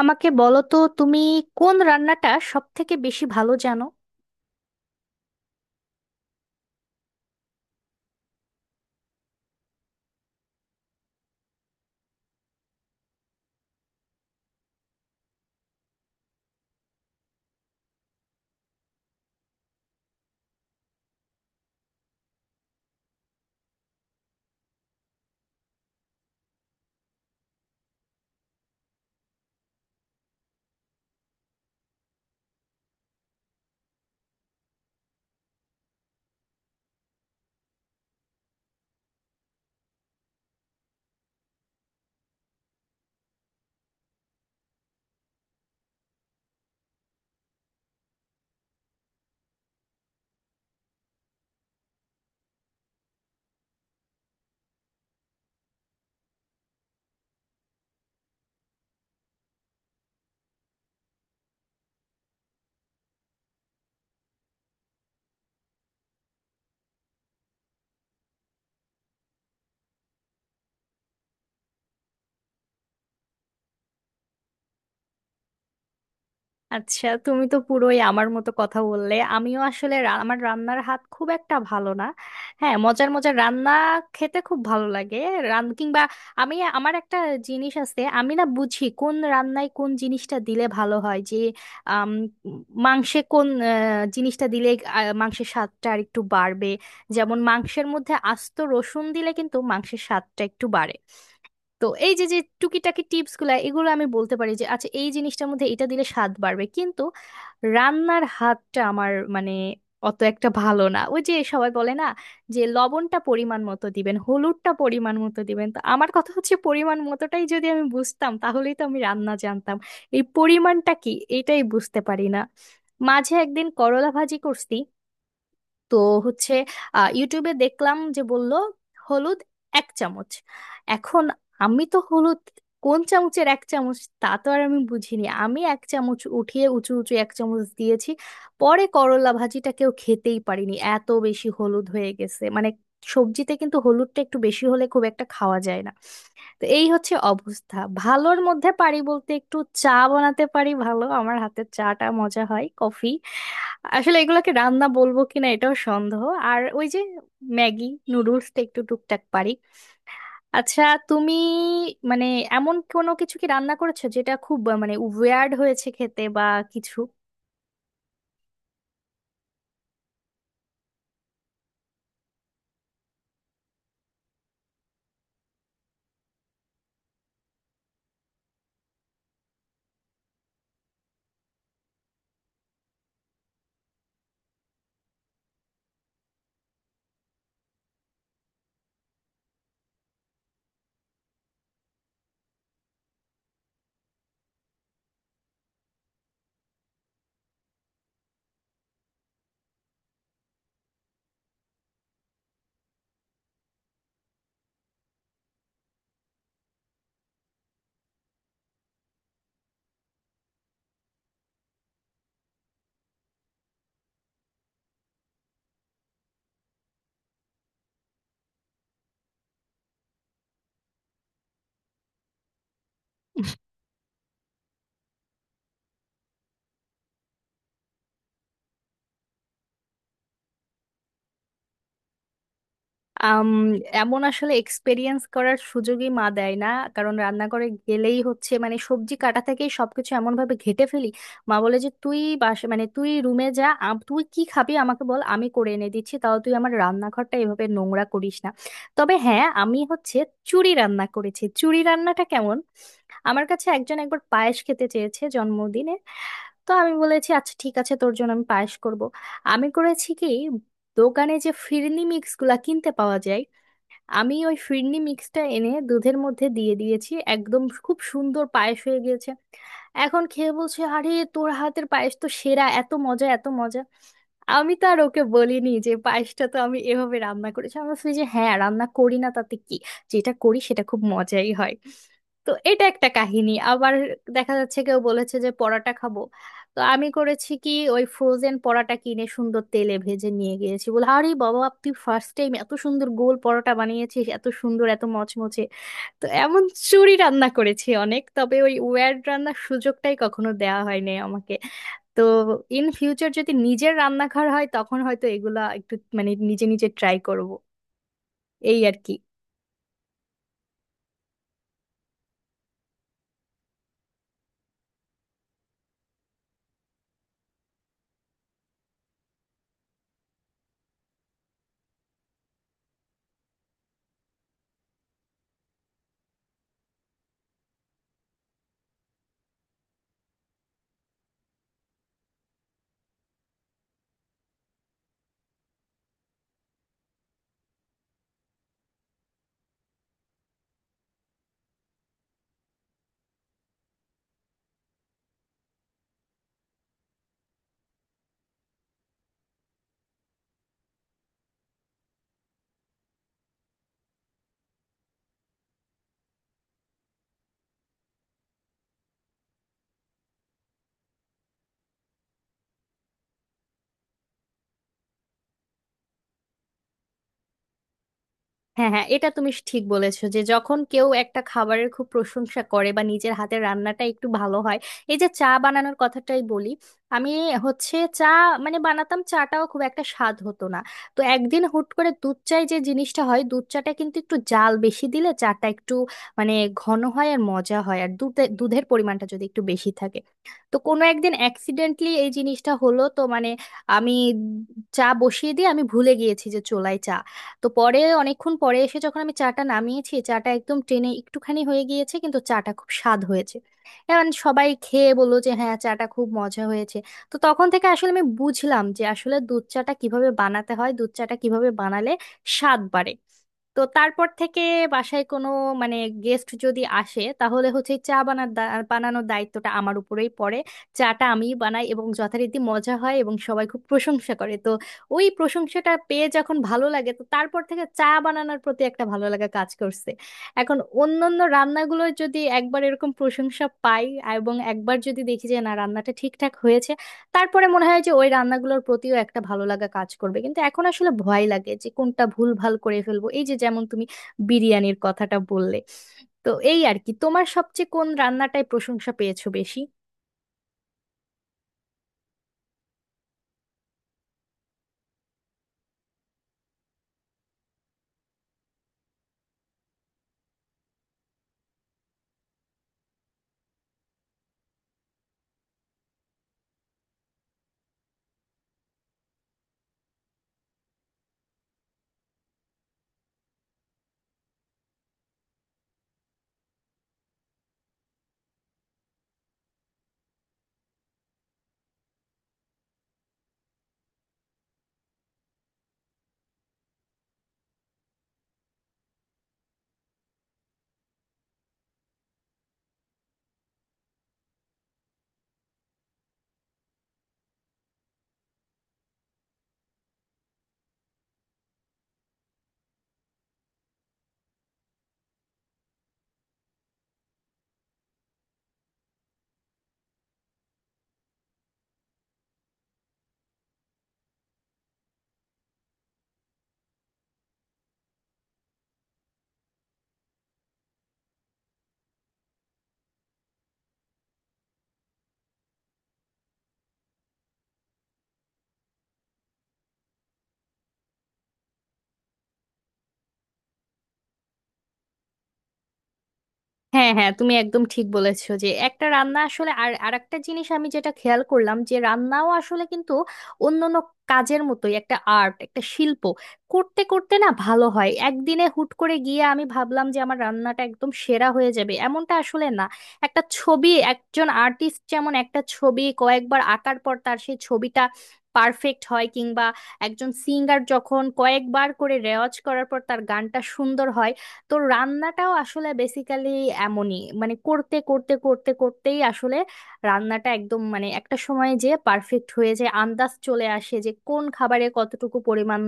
আমাকে বলো তো, তুমি কোন রান্নাটা সব থেকে বেশি ভালো জানো? আচ্ছা, তুমি তো পুরোই আমার মতো কথা বললে। আমিও আসলে আমার রান্নার হাত খুব একটা ভালো না। হ্যাঁ, মজার মজার রান্না খেতে খুব ভালো লাগে। রান কিংবা আমি আমার একটা জিনিস আছে, আমি না বুঝি কোন রান্নায় কোন জিনিসটা দিলে ভালো হয়। যে আম, মাংসে কোন জিনিসটা দিলে মাংসের স্বাদটা আর একটু বাড়বে। যেমন মাংসের মধ্যে আস্ত রসুন দিলে কিন্তু মাংসের স্বাদটা একটু বাড়ে। তো এই যে যে টুকিটাকি টিপস গুলা, এগুলো আমি বলতে পারি যে আচ্ছা এই জিনিসটার মধ্যে এটা দিলে স্বাদ বাড়বে, কিন্তু রান্নার হাতটা আমার মানে অত একটা ভালো না। ওই যে সবাই বলে না, যে লবণটা পরিমাণ মতো দিবেন, হলুদটা পরিমাণ মতো দিবেন, তো আমার কথা হচ্ছে, পরিমাণ মতোটাই যদি আমি বুঝতাম তাহলেই তো আমি রান্না জানতাম। এই পরিমাণটা কি? এটাই বুঝতে পারি না। মাঝে একদিন করলা ভাজি করছি, তো হচ্ছে ইউটিউবে দেখলাম যে বলল হলুদ এক চামচ। এখন আমি তো হলুদ কোন চামচের এক চামচ তা তো আর আমি বুঝিনি, আমি এক চামচ উঠিয়ে উঁচু উঁচু এক চামচ দিয়েছি। পরে করলা ভাজিটা কেউ খেতেই পারিনি, এত বেশি হলুদ হয়ে গেছে। মানে সবজিতে কিন্তু হলুদটা একটু বেশি হলে খুব একটা খাওয়া যায় না। তো এই হচ্ছে অবস্থা। ভালোর মধ্যে পারি বলতে একটু চা বানাতে পারি ভালো, আমার হাতের চাটা মজা হয়, কফি। আসলে এগুলোকে রান্না বলবো কিনা এটাও সন্দেহ। আর ওই যে ম্যাগি নুডলসটা একটু টুকটাক পারি। আচ্ছা, তুমি মানে এমন কোনো কিছু কি রান্না করেছো, যেটা খুব মানে ওয়ার্ড হয়েছে খেতে বা কিছু? আম, এমন আসলে এক্সপেরিয়েন্স করার সুযোগই মা দেয় না। কারণ রান্নাঘরে গেলেই হচ্ছে, মানে সবজি কাটা থেকে সবকিছু এমন ভাবে ঘেটে ফেলি, মা বলে যে তুই বাসা মানে তুই রুমে যা, তুই কি খাবি আমাকে বল, আমি করে এনে দিচ্ছি, তাও তুই আমার রান্নাঘরটা এভাবে নোংরা করিস না। তবে হ্যাঁ, আমি হচ্ছে চুরি রান্না করেছি। চুরি রান্নাটা কেমন? আমার কাছে একজন একবার পায়েস খেতে চেয়েছে জন্মদিনে। তো আমি বলেছি আচ্ছা ঠিক আছে, তোর জন্য আমি পায়েস করব। আমি করেছি কি, দোকানে যে ফিরনি মিক্স গুলা কিনতে পাওয়া যায়, আমি ওই ফিরনি মিক্সটা এনে দুধের মধ্যে দিয়ে দিয়েছি, একদম খুব সুন্দর পায়েস হয়ে গিয়েছে। এখন খেয়ে বলছে, আরে তোর হাতের পায়েস তো সেরা, এত মজা এত মজা! আমি তো আর ওকে বলিনি যে পায়েসটা তো আমি এভাবে রান্না করেছি। আমরা বলছি যে হ্যাঁ, রান্না করি না তাতে কি, যেটা করি সেটা খুব মজাই হয়। তো এটা একটা কাহিনী। আবার দেখা যাচ্ছে কেউ বলেছে যে পরোটা খাবো, তো আমি করেছি কি, ওই ফ্রোজেন পরোটা কিনে সুন্দর তেলে ভেজে নিয়ে গিয়েছি। বলে, আরে বাবা, তুই ফার্স্ট টাইম এত সুন্দর গোল পরোটা বানিয়েছিস, এত সুন্দর, এত মচমচে। তো এমন চুরি রান্না করেছি অনেক, তবে ওই ওয়্যার্ড রান্নার সুযোগটাই কখনো দেওয়া হয়নি আমাকে। তো ইন ফিউচার যদি নিজের রান্নাঘর হয় তখন হয়তো এগুলা একটু মানে নিজে নিজে ট্রাই করব, এই আর কি। হ্যাঁ হ্যাঁ, এটা তুমি ঠিক বলেছো, যে যখন কেউ একটা খাবারের খুব প্রশংসা করে বা নিজের হাতের রান্নাটা একটু ভালো হয়। এই যে চা বানানোর কথাটাই বলি, আমি হচ্ছে চা মানে বানাতাম, চাটাও খুব একটা স্বাদ হতো না। তো একদিন হুট করে দুধ চায় যে জিনিসটা হয়, দুধ চাটা কিন্তু একটু জাল বেশি দিলে চাটা একটু মানে ঘন হয় আর মজা হয়, আর দুধে দুধের পরিমাণটা যদি একটু বেশি থাকে। তো কোনো একদিন অ্যাক্সিডেন্টলি এই জিনিসটা হলো, তো মানে আমি চা বসিয়ে দিয়ে আমি ভুলে গিয়েছি যে চোলাই চা। তো পরে অনেকক্ষণ পরে এসে যখন আমি চাটা নামিয়েছি, চাটা একদম ট্রেনে একটুখানি হয়ে গিয়েছে, কিন্তু চাটা খুব স্বাদ হয়েছে। এখন সবাই খেয়ে বললো যে হ্যাঁ, চাটা খুব মজা হয়েছে। তো তখন থেকে আসলে আমি বুঝলাম যে আসলে দুধ চাটা কিভাবে বানাতে হয়, দুধ চাটা কিভাবে বানালে স্বাদ বাড়ে। তো তারপর থেকে বাসায় কোনো মানে গেস্ট যদি আসে তাহলে হচ্ছে চা বানানোর দায়িত্বটা আমার উপরেই পড়ে। চাটা আমিই বানাই, এবং যথারীতি মজা হয় এবং সবাই খুব প্রশংসা করে। তো ওই প্রশংসাটা পেয়ে যখন ভালো লাগে, তো তারপর থেকে চা বানানোর প্রতি একটা ভালো লাগা কাজ করছে। এখন অন্যান্য রান্নাগুলো যদি একবার এরকম প্রশংসা পাই এবং একবার যদি দেখি যে না, রান্নাটা ঠিকঠাক হয়েছে, তারপরে মনে হয় যে ওই রান্নাগুলোর প্রতিও একটা ভালো লাগা কাজ করবে। কিন্তু এখন আসলে ভয় লাগে যে কোনটা ভুল ভাল করে ফেলবো, এই যে যেমন তুমি বিরিয়ানির কথাটা বললে। তো এই আর কি, তোমার সবচেয়ে কোন রান্নাটায় প্রশংসা পেয়েছো বেশি? হ্যাঁ হ্যাঁ, তুমি একদম ঠিক বলেছো যে একটা রান্না আসলে, আর আরেকটা জিনিস আমি যেটা খেয়াল করলাম, যে রান্নাও আসলে কিন্তু অন্যান্য কাজের মতোই একটা আর্ট, একটা শিল্প। করতে করতে না ভালো হয়, একদিনে হুট করে গিয়ে আমি ভাবলাম যে আমার রান্নাটা একদম সেরা হয়ে যাবে এমনটা আসলে না। একটা ছবি একজন আর্টিস্ট যেমন একটা ছবি কয়েকবার আঁকার পর তার সেই ছবিটা পারফেক্ট হয়, কিংবা একজন সিঙ্গার যখন কয়েকবার করে রেওয়াজ করার পর তার গানটা সুন্দর হয়। তো রান্নাটাও আসলে বেসিক্যালি এমনই, মানে করতে করতে করতে করতেই আসলে রান্নাটা একদম মানে একটা সময় যে পারফেক্ট হয়ে যায়, আন্দাজ চলে আসে যে কোন খাবারে কতটুকু পরিমাণ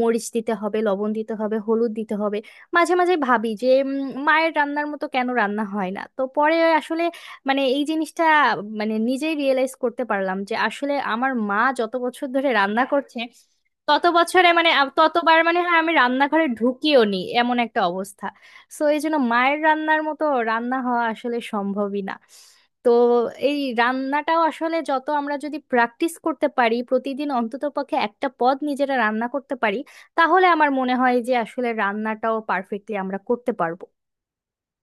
মরিচ দিতে হবে, লবণ দিতে হবে, হলুদ দিতে হবে। মাঝে মাঝে ভাবি যে মায়ের রান্নার মতো কেন রান্না হয় না। তো পরে আসলে মানে এই জিনিসটা মানে নিজেই রিয়েলাইজ করতে পারলাম যে আসলে আমার মা যত বছর ধরে রান্না করছে, তত বছরে মানে ততবার মানে হয় আমি রান্নাঘরে ঢুকিও নি, এমন একটা অবস্থা। সো এই জন্য মায়ের রান্নার মতো রান্না হওয়া আসলে সম্ভবই না। তো এই রান্নাটাও আসলে যত আমরা যদি প্র্যাকটিস করতে পারি, প্রতিদিন অন্ততপক্ষে একটা পদ নিজেরা রান্না করতে পারি, তাহলে আমার মনে হয় যে আসলে রান্নাটাও পারফেক্টলি আমরা করতে পারবো।